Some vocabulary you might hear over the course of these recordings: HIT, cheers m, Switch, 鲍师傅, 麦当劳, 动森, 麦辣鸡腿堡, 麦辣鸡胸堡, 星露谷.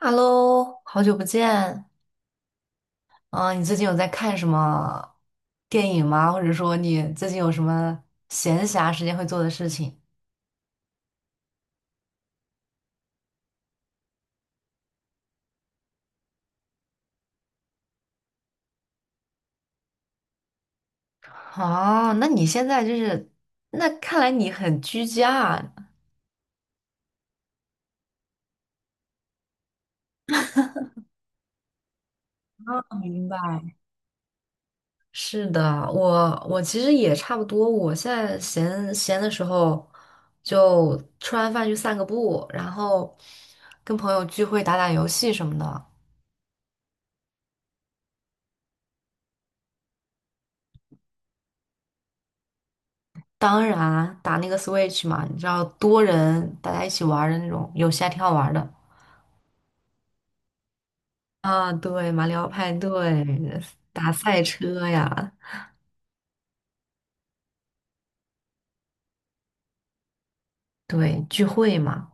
Hello，好久不见。啊！你最近有在看什么电影吗？或者说你最近有什么闲暇时间会做的事情？哦，那你现在就是，那看来你很居家啊。哦明白，是的，我其实也差不多。我现在闲闲的时候，就吃完饭去散个步，然后跟朋友聚会、打打游戏什么的。当然啊打那个 Switch 嘛，你知道多人大家一起玩儿的那种，有线挺好玩儿的。啊，对，马里奥派对，打赛车呀，对，聚会嘛。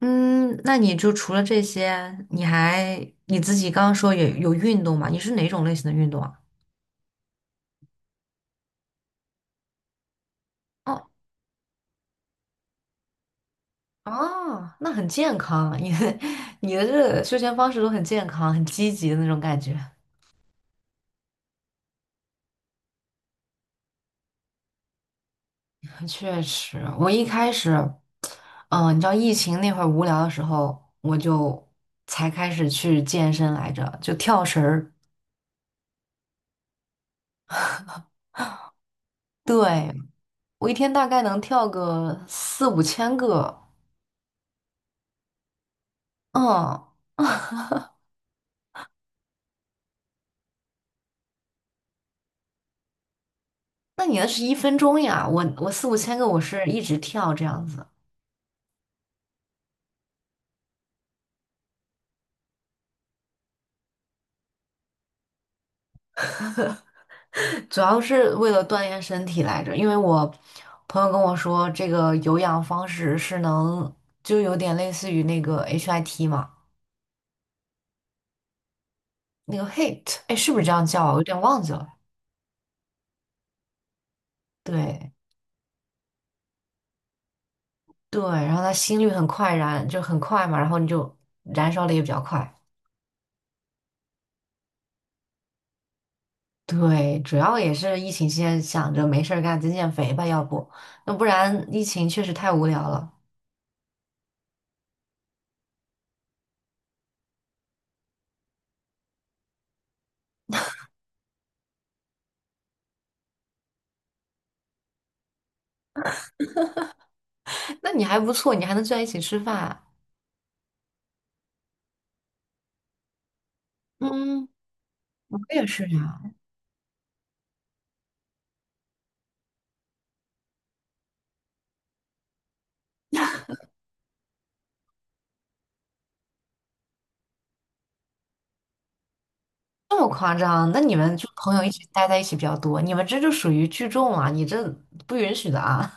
嗯，那你就除了这些，你还你自己刚刚说有运动嘛？你是哪种类型的运动啊？哦哦，那很健康，你的 你的这个休闲方式都很健康，很积极的那种感觉。确实，我一开始，你知道疫情那会儿无聊的时候，我就才开始去健身来着，就跳绳儿。对，我一天大概能跳个四五千个。嗯，那你那是1分钟呀？我我四五千个，我是一直跳这样子，主要是为了锻炼身体来着。因为我朋友跟我说，这个有氧方式是能，就有点类似于那个 HIT 嘛，那个 HIT，哎，是不是这样叫啊我有点忘记了。对对，然后它心率很快燃，就很快嘛，然后你就燃烧的也比较快。对，主要也是疫情期间想着没事儿干，减减肥吧，要不那不然疫情确实太无聊了。那你还不错，你还能聚在一起吃饭。嗯，我也是呀，这么夸张？那你们就朋友一起待在一起比较多，你们这就属于聚众啊，你这不允许的啊。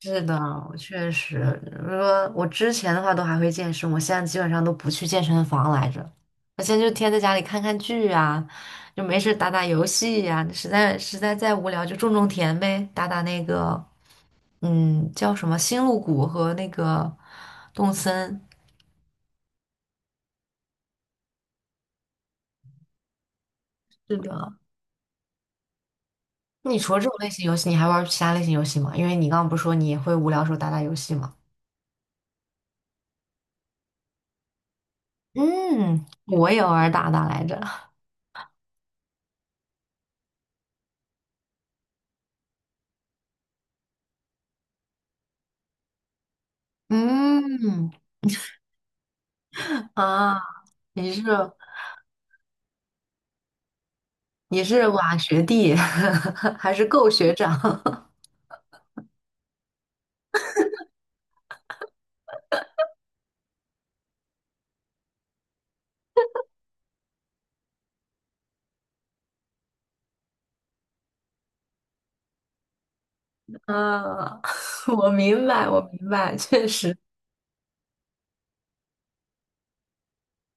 是的，我确实，如果我之前的话都还会健身，我现在基本上都不去健身房来着。我现在就天天在家里看看剧啊，就没事打打游戏呀、实在再无聊就种种田呗，打打那个叫什么星露谷和那个动森。是的，那你除了这种类型游戏，你还玩其他类型游戏吗？因为你刚刚不是说你也会无聊的时候打打游戏吗？嗯，我也偶尔打打来着。嗯啊，你是？你是瓦学弟 还是够学长？啊，我明白，我明白，确实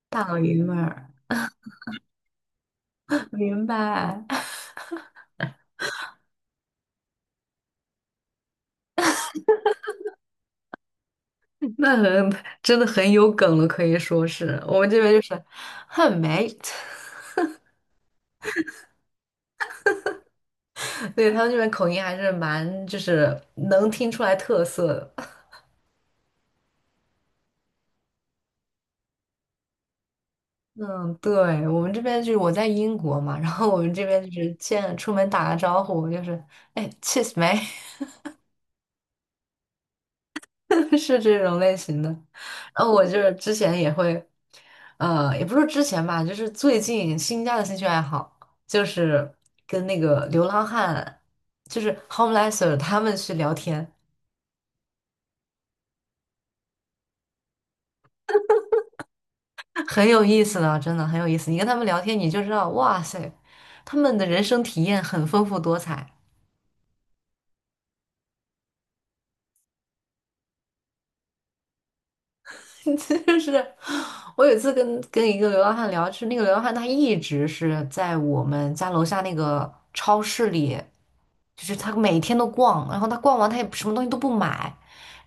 大老爷们儿，明白。那很真的很有梗了，可以说是我们这边就是很 mate，对他们这边口音还是蛮就是能听出来特色的。嗯，对，我们这边就是我在英国嘛，然后我们这边就是见出门打个招呼就是哎，cheers m 是这种类型的。然后我就是之前也会，也不是之前吧，就是最近新加的兴趣爱好，就是跟那个流浪汉，就是 homelesser 他们去聊天，很有意思的，真的很有意思。你跟他们聊天，你就知道，哇塞，他们的人生体验很丰富多彩。就是我有一次跟一个流浪汉聊，就是那个流浪汉他一直是在我们家楼下那个超市里。就是他每天都逛，然后他逛完他也什么东西都不买，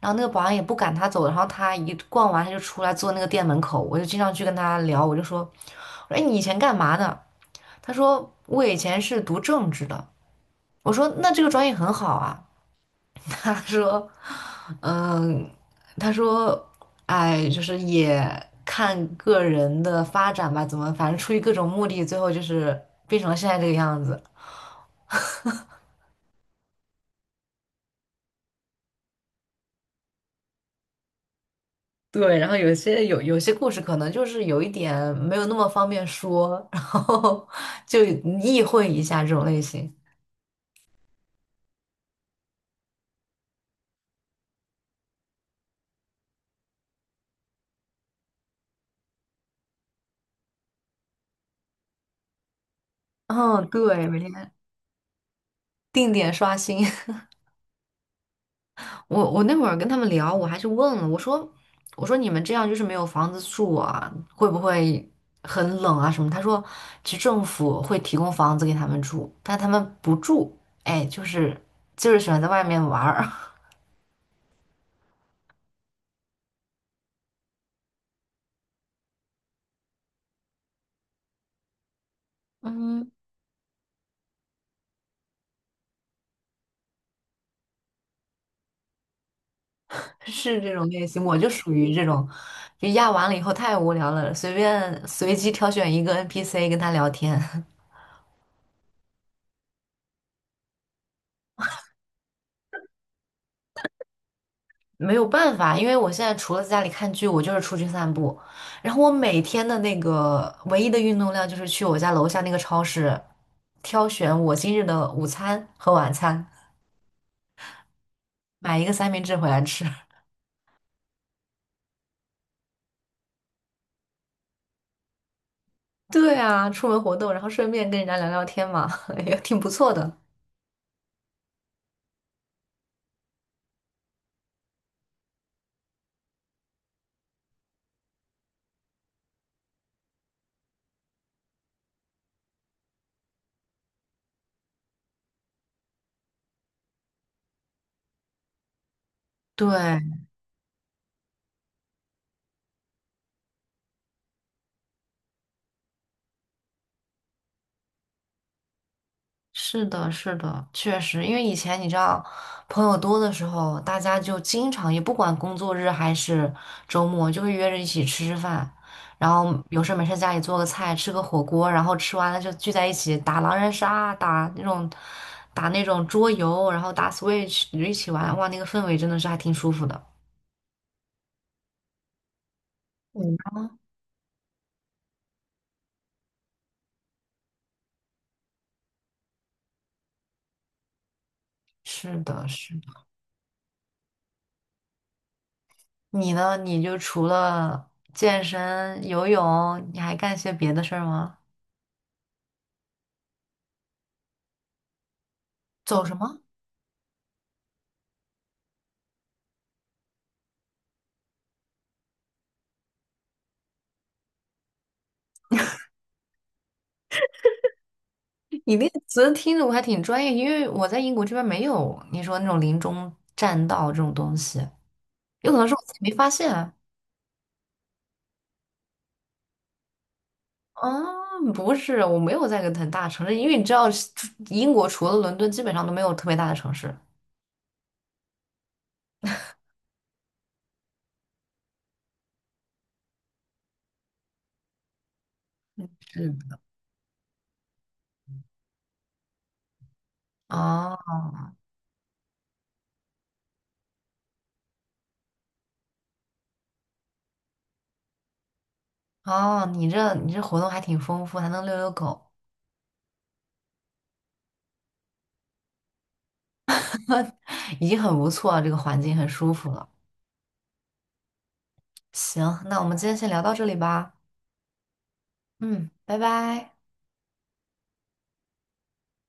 然后那个保安也不赶他走，然后他一逛完他就出来坐那个店门口，我就经常去跟他聊，我就说，我说哎你以前干嘛的？他说我以前是读政治的，我说那这个专业很好啊，他说嗯，他说哎就是也看个人的发展吧，怎么反正出于各种目的，最后就是变成了现在这个样子。对，然后有些故事可能就是有一点没有那么方便说，然后 就意会一下这种类型。嗯，对，每天定点刷新。我我那会儿跟他们聊，我还去问了，我说我说你们这样就是没有房子住啊，会不会很冷啊什么？他说其实政府会提供房子给他们住，但他们不住，哎，就是喜欢在外面玩儿。是这种类型，我就属于这种，就压完了以后太无聊了，随便随机挑选一个 NPC 跟他聊天，没有办法，因为我现在除了在家里看剧，我就是出去散步，然后我每天的那个唯一的运动量就是去我家楼下那个超市挑选我今日的午餐和晚餐，买一个三明治回来吃。对啊，出门活动，然后顺便跟人家聊聊天嘛，也挺不错的。对，是的，是的，确实，因为以前你知道，朋友多的时候，大家就经常也不管工作日还是周末，就会约着一起吃吃饭，然后有事没事家里做个菜，吃个火锅，然后吃完了就聚在一起打狼人杀，打那种桌游，然后打 Switch 一起玩，哇，那个氛围真的是还挺舒服的。嗯。是的，是的。你呢？你就除了健身、游泳，你还干些别的事儿吗？走什么？你那个词听着我还挺专业，因为我在英国这边没有你说那种林中栈道这种东西，有可能是我自己没发现啊。嗯不是，我没有在一个很大城市，因为你知道，英国除了伦敦，基本上都没有特别大的城市。嗯，哦哦，你这你这活动还挺丰富，还能遛遛狗，已经很不错了，这个环境很舒服了。行，那我们今天先聊到这里吧。嗯，拜拜。